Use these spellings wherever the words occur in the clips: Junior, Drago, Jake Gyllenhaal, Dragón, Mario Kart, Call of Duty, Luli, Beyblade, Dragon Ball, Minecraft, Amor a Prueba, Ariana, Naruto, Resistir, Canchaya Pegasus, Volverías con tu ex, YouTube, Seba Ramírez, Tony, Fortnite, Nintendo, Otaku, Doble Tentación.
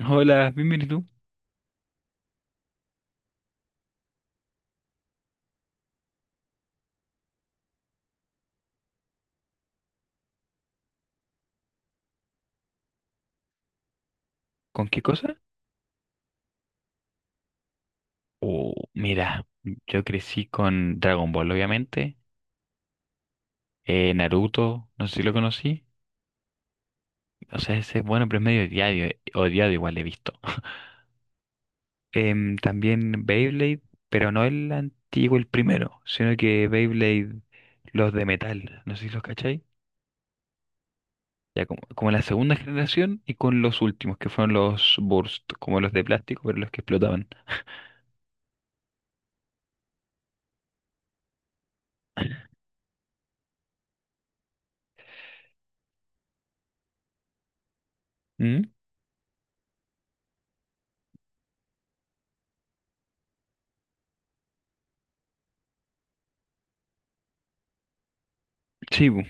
Hola, bienvenido. ¿Con qué cosa? Oh, mira, yo crecí con Dragon Ball, obviamente. Naruto, no sé si lo conocí. O sea, ese es bueno, pero es medio odiado, odiado igual he visto. También Beyblade, pero no el antiguo, el primero, sino que Beyblade, los de metal, no sé si los cachai. Ya como la segunda generación y con los últimos, que fueron los Burst, como los de plástico, pero los que explotaban. ¿Mm? Sí, bu.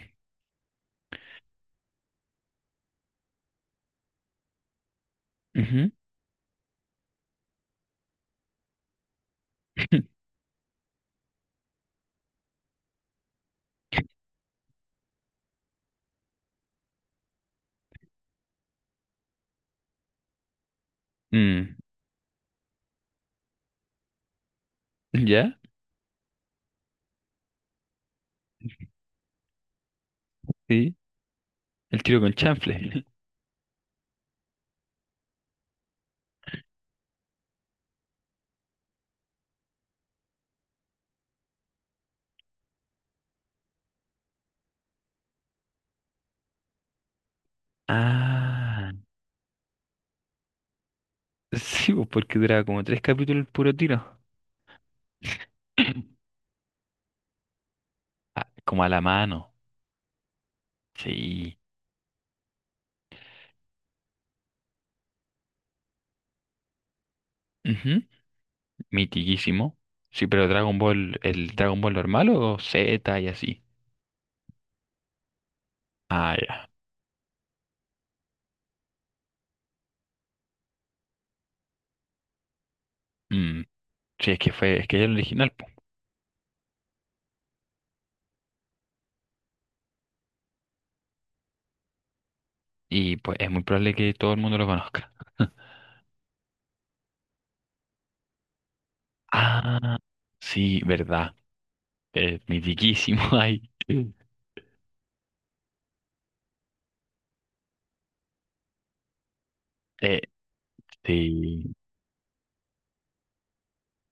Ujú. Mm, ¿ya? Sí. El tiro con chanfle. Ah, sí, pues, porque duraba como tres capítulos el puro tiro. Ah, como a la mano. Sí. Ujú. Mitiquísimo. Sí, pero Dragon Ball, el Dragon Ball normal o Z y así. Ah, ya. Mm, sí, es que es el original, po. Y pues es muy probable que todo el mundo lo conozca. Ah, sí, verdad. Mitiquísimo ahí. Eh, sí,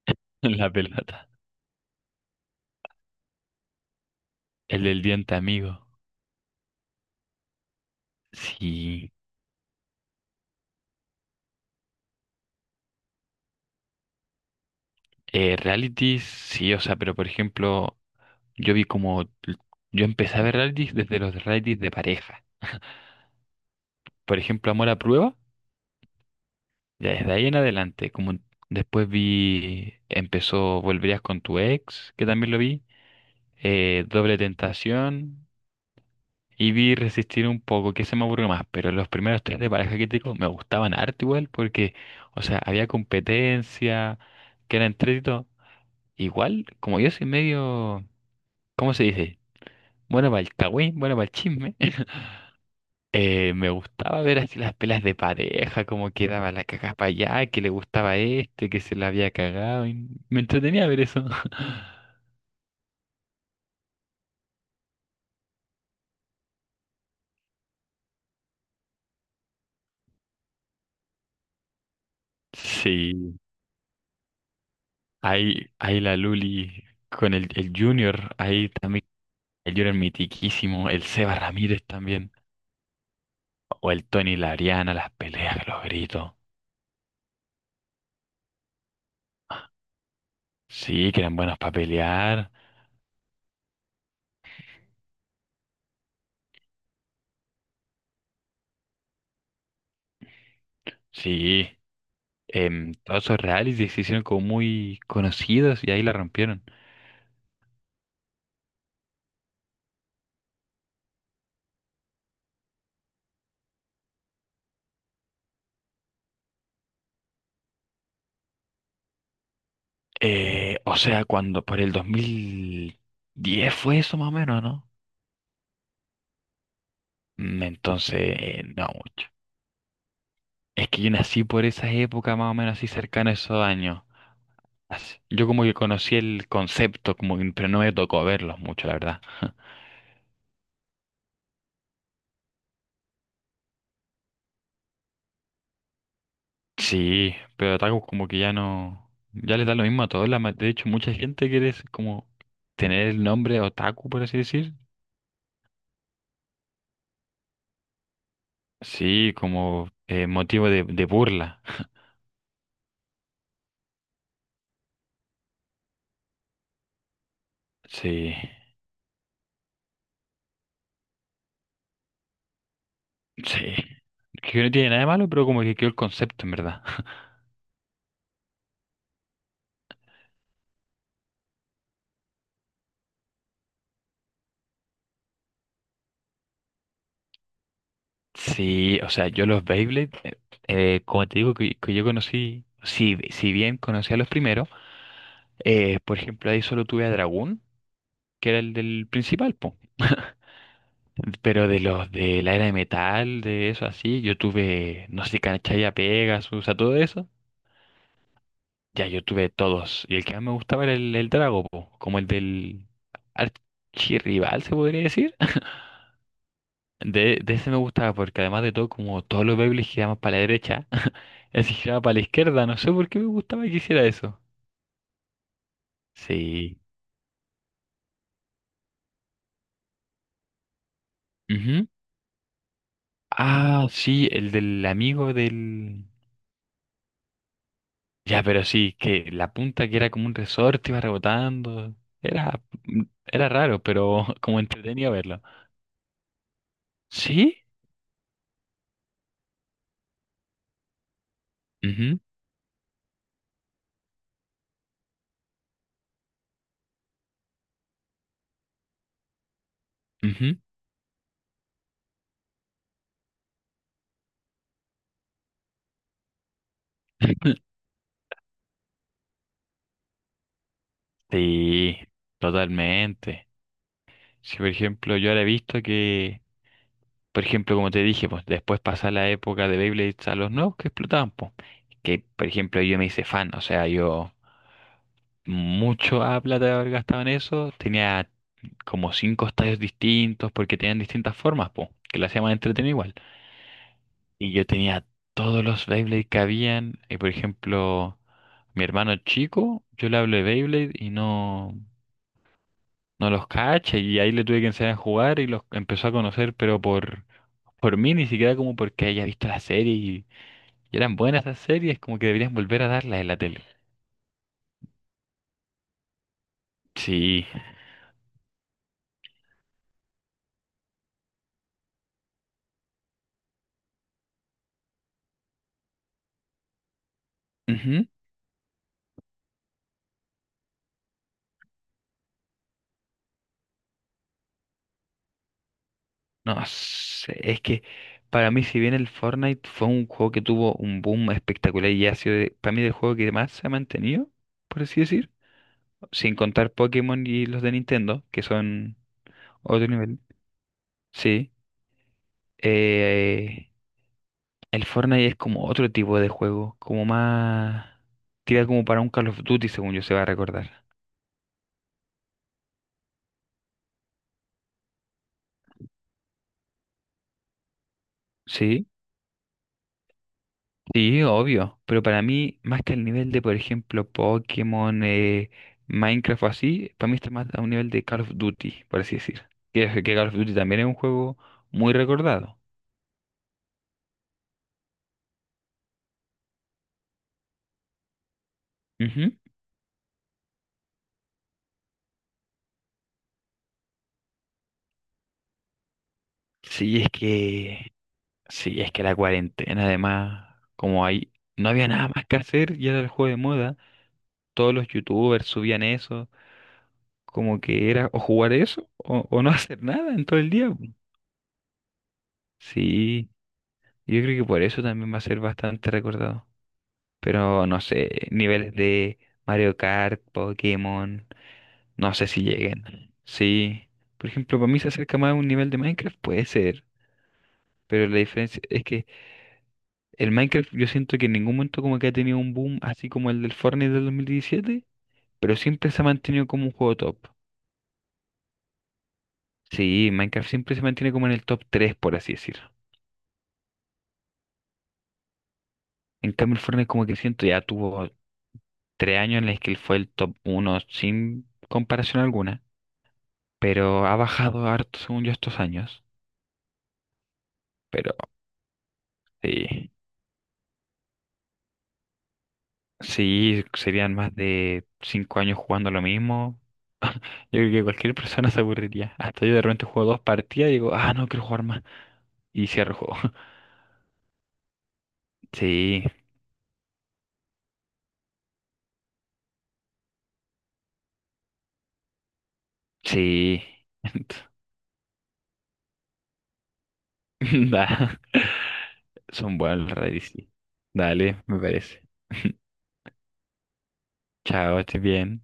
la pelota. El del diente amigo. Sí. Realities, sí, o sea, pero por ejemplo, yo vi como, yo empecé a ver realities desde los realities de pareja. Por ejemplo, Amor a Prueba, ya desde ahí en adelante, como después vi, empezó Volverías con tu ex, que también lo vi, Doble Tentación, y vi Resistir un poco, que se me aburrió más, pero los primeros tres de pareja que te digo me gustaban harto igual, porque, o sea, había competencia, que era entretenido. Igual, como yo soy medio, ¿cómo se dice? Bueno, para el cagüín, bueno, para el chisme. Me gustaba ver así las pelas de pareja, cómo quedaba la caja para allá, que le gustaba a este, que se la había cagado, y me entretenía ver eso. Sí, ahí la Luli con el Junior, ahí también el Junior mitiquísimo, el Seba Ramírez también, o el Tony y la Ariana, las peleas, los gritos. Sí, que eran buenos para pelear. Sí, todos esos realities se hicieron como muy conocidos y ahí la rompieron. O sea, cuando por el 2010 fue eso más o menos, ¿no? Entonces, no mucho. Es que yo nací por esas épocas más o menos así cercano a esos años. Yo como que conocí el concepto, pero no me tocó verlos mucho, la verdad. Sí, pero Otaku como que ya no, ya les da lo mismo a todos. De hecho, mucha gente quiere es como tener el nombre Otaku, por así decir. Sí, como motivo de burla. Sí. Sí, que no tiene nada de malo, pero como que quedó el concepto, en verdad. Sí, o sea, yo los Beyblade, como te digo, que yo conocí, si bien conocí a los primeros, por ejemplo, ahí solo tuve a Dragón, que era el del principal, po. Pero de los de la era de metal, de eso así, yo tuve, no sé, Canchaya Pegasus, o sea, todo eso. Ya yo tuve todos. Y el que más me gustaba era el Drago, po, como el del archirrival, se podría decir. De ese me gustaba porque además de todo, como todos los Beyblades giraban para la derecha, ese giraba para la izquierda. No sé por qué me gustaba que hiciera eso. Sí. Ujú. Ah, sí, el del amigo del... Ya, pero sí, que la punta que era como un resorte iba rebotando. Era raro, pero como entretenido verlo. ¿Sí? Ujú, ujú. Sí, totalmente. Si por ejemplo yo ahora he visto que, por ejemplo, como te dije, pues después pasa la época de Beyblades a los nuevos que explotaban, pues. Que, por ejemplo, yo me hice fan, o sea, yo mucho a plata de haber gastado en eso, tenía como cinco estadios distintos porque tenían distintas formas, pues, que las hacían más entretenido igual. Y yo tenía todos los Beyblade que habían, y por ejemplo, mi hermano chico, yo le hablo de Beyblade y no, no los cacha, y ahí le tuve que enseñar a jugar y los empezó a conocer, pero por mí, ni siquiera como porque haya visto la serie. Y eran buenas esas series, como que deberían volver a darlas en la tele. Sí. Ujú. No sé, es que para mí, si bien el Fortnite fue un juego que tuvo un boom espectacular y ha sido para mí el juego que más se ha mantenido, por así decir, sin contar Pokémon y los de Nintendo, que son otro nivel. Sí. Eh, el Fortnite es como otro tipo de juego, como más. Tira como para un Call of Duty, según yo se va a recordar. Sí. Sí, obvio, pero para mí, más que el nivel de, por ejemplo, Pokémon, Minecraft o así, para mí está más a un nivel de Call of Duty, por así decir. Que Call of Duty también es un juego muy recordado. Ujú. Sí, es que, sí, es que la cuarentena, además, como ahí no había nada más que hacer y era el juego de moda, todos los youtubers subían eso, como que era o jugar eso o no hacer nada en todo el día. Sí, yo creo que por eso también va a ser bastante recordado. Pero no sé, niveles de Mario Kart, Pokémon, no sé si lleguen. Sí, por ejemplo, para mí se acerca más a un nivel de Minecraft, puede ser. Pero la diferencia es que el Minecraft yo siento que en ningún momento como que ha tenido un boom así como el del Fortnite del 2017, pero siempre se ha mantenido como un juego top. Sí, Minecraft siempre se mantiene como en el top 3 por así decir. En cambio, el Fortnite como que siento ya tuvo 3 años en los que él fue el top uno sin comparación alguna, pero ha bajado harto según yo estos años. Pero sí, sí, serían más de 5 años jugando lo mismo. Yo creo que cualquier persona se aburriría. Hasta yo de repente juego dos partidas y digo, ah, no quiero jugar más. Y cierro el juego. Sí, sí. Da, son buenos los raids, sí. Dale, me parece. Chao, estés bien.